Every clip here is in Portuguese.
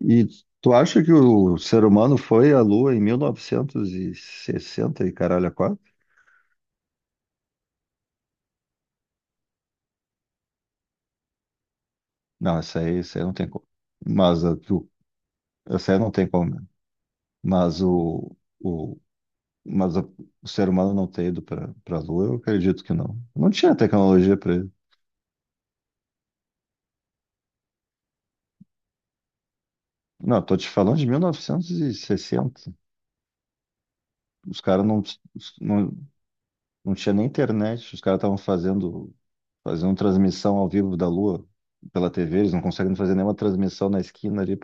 E tu acha que o ser humano foi à Lua em mil novecentos e sessenta e caralho a quatro? Não, essa aí não tem como. Mas a, tu, essa aí não tem como, né? Mas o, o, mas a- o ser humano não ter ido para a Lua, eu acredito que não. Não tinha tecnologia para ele. Não, tô te falando de 1960. Os caras não, não tinha nem internet. Os caras estavam fazendo transmissão ao vivo da Lua pela TV. Eles não conseguem fazer nenhuma transmissão na esquina ali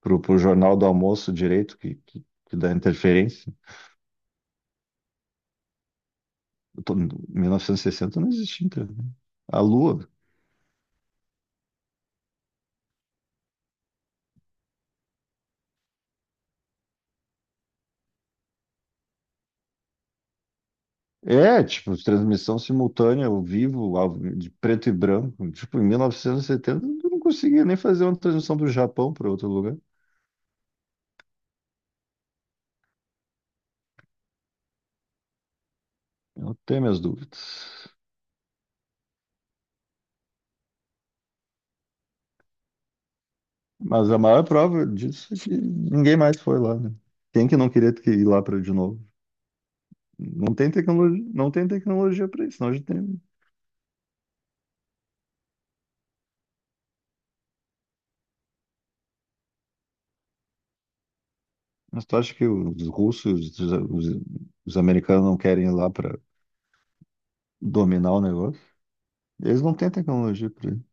pro Jornal do Almoço direito, que dá interferência. 1960 não existia internet. A Lua. É, tipo, transmissão simultânea, ao vivo, de preto e branco. Tipo, em 1970 eu não conseguia nem fazer uma transmissão do Japão para outro lugar. Eu tenho minhas dúvidas. Mas a maior prova disso é que ninguém mais foi lá, né? Quem que não queria ter que ir lá para de novo? Não tem tecnologia, não tem tecnologia para isso, senão a gente tem. Mas tu acha que os russos, os americanos não querem ir lá para dominar o negócio? Eles não têm tecnologia para isso.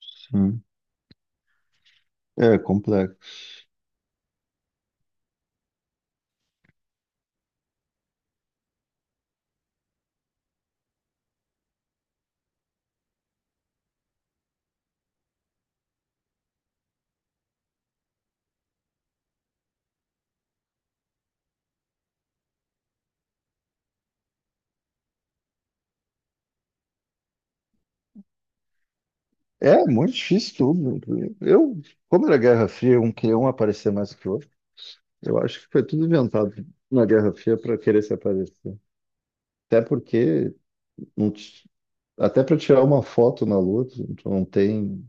Sim. É complexo. É muito difícil tudo. Eu, como era Guerra Fria, um queria um aparecer mais que o outro. Eu acho que foi tudo inventado na Guerra Fria para querer se aparecer. Até porque não ti- até para tirar uma foto na Lua, tu não tem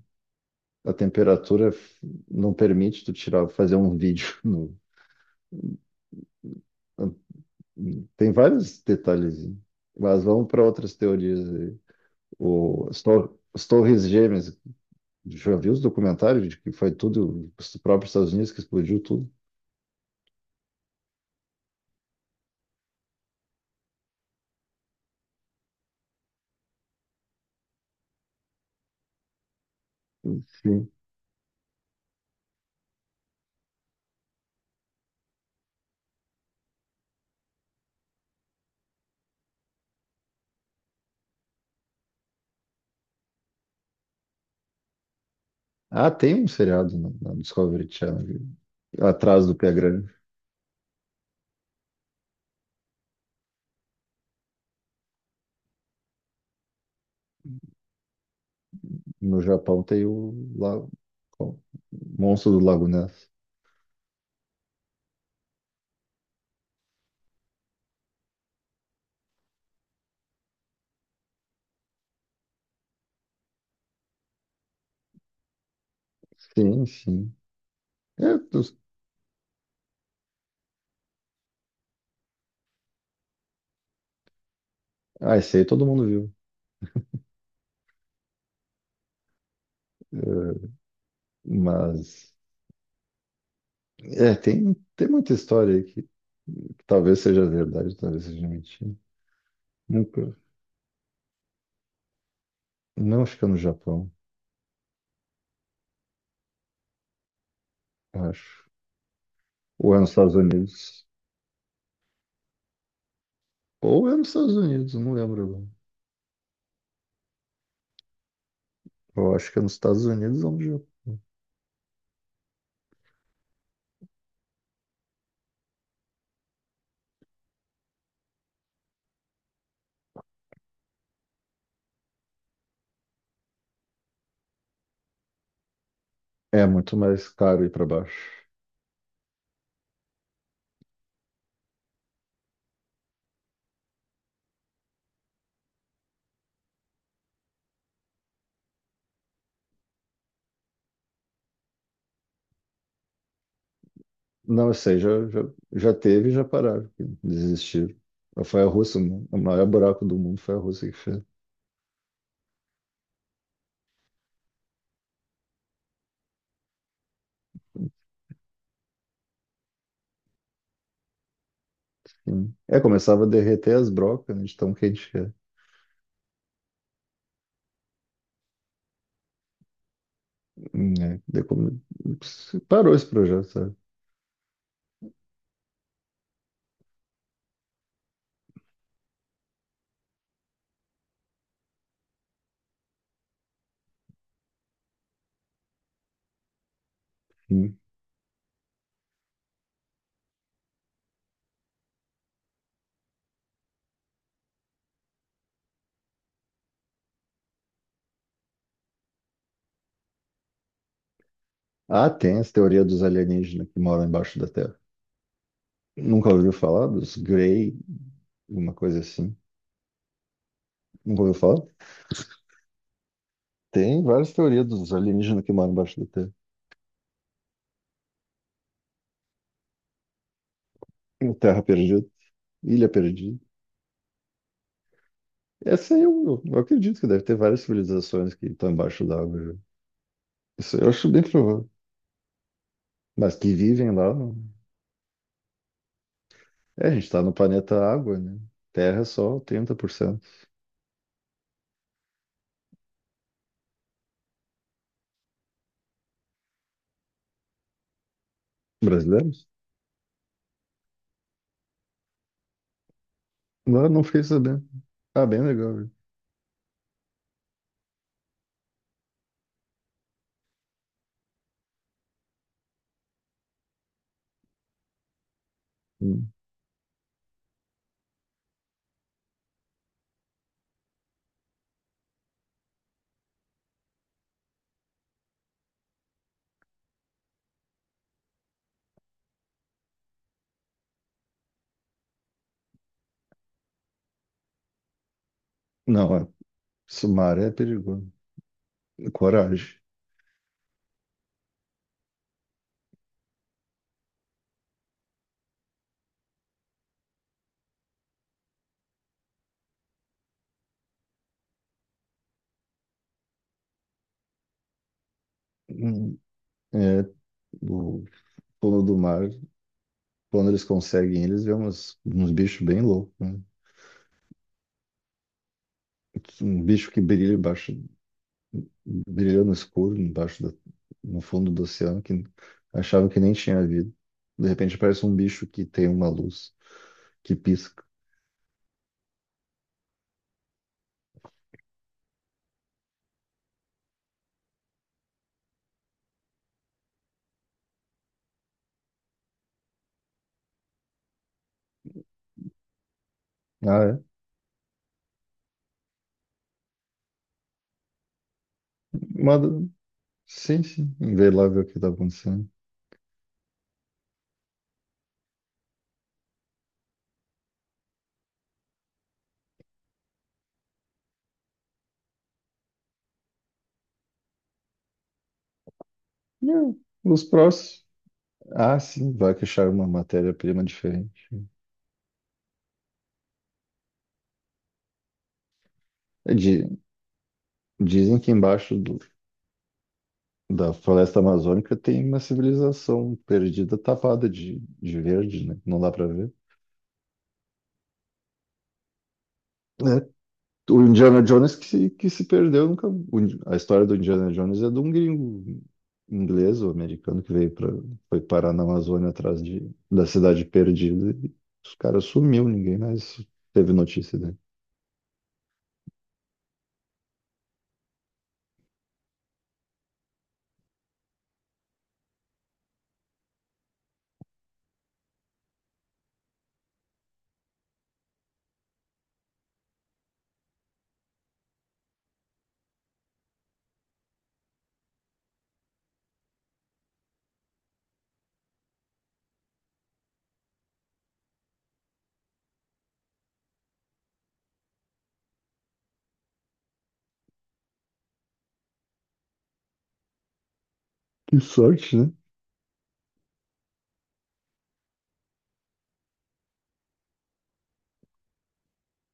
a temperatura f- não permite tu tirar fazer um vídeo no. Tem vários detalhes, mas vamos para outras teorias aí. O, as, tor as Torres Gêmeas, já viu os documentários de que foi tudo, os próprios Estados Unidos que explodiu tudo? Sim. Ah, tem um seriado na Discovery Channel, atrás do Pé Grande. No Japão tem o Monstro do Lago Ness. Sim, sim. É, dos- ah, esse aí todo mundo viu. Mas, é, tem muita história aí que talvez seja verdade, talvez seja mentira. Nunca. Não, acho que é no Japão, acho. Ou é nos Estados Unidos. Ou é nos Estados Unidos, não lembro agora. Eu acho que é nos Estados Unidos ou no Japão. É muito mais caro ir para baixo. Não, eu sei, já teve e já pararam, desistiram. Foi a Rússia, né? O maior buraco do mundo foi a Rússia que fez. Sim. É, começava a derreter as brocas, né, de tão quente que é. É. Parou esse projeto, sabe? Sim. Ah, tem as teorias dos alienígenas que moram embaixo da Terra. Nunca ouviu falar dos Grey, uma coisa assim. Nunca ouviu falar? Tem várias teorias dos alienígenas que moram embaixo da Terra. Terra perdida, ilha perdida. Essa aí eu acredito que deve ter várias civilizações que estão embaixo da água já. Isso eu acho bem provável. Mas que vivem lá, É, a gente está no planeta água, né? Terra é só 30%. Brasileiros? Lá não fiquei sabendo. Ah, bem legal, viu? Hum. Não, é. Isso, mar é perigoso. Coragem. Hum. É, o fundo do mar Quando eles conseguem, eles vê uns bichos bem loucos, né? Um bicho que brilha embaixo, brilha no escuro, no fundo do oceano, que achava que nem tinha vida. De repente aparece um bicho que tem uma luz, que pisca. Ah, é? Uma, sim, sim. Vê lá ver o que tá acontecendo. Não, os próximos. Ah, sim, vai que acharam uma matéria-prima diferente. É, dizem que da floresta amazônica tem uma civilização perdida, tapada de verde, né? Não dá para ver. É. O Indiana Jones que se perdeu nunca. A história do Indiana Jones é de um gringo inglês ou americano que veio para foi parar na Amazônia da cidade perdida. E os caras sumiu, ninguém mais teve notícia dele. Que sorte, né?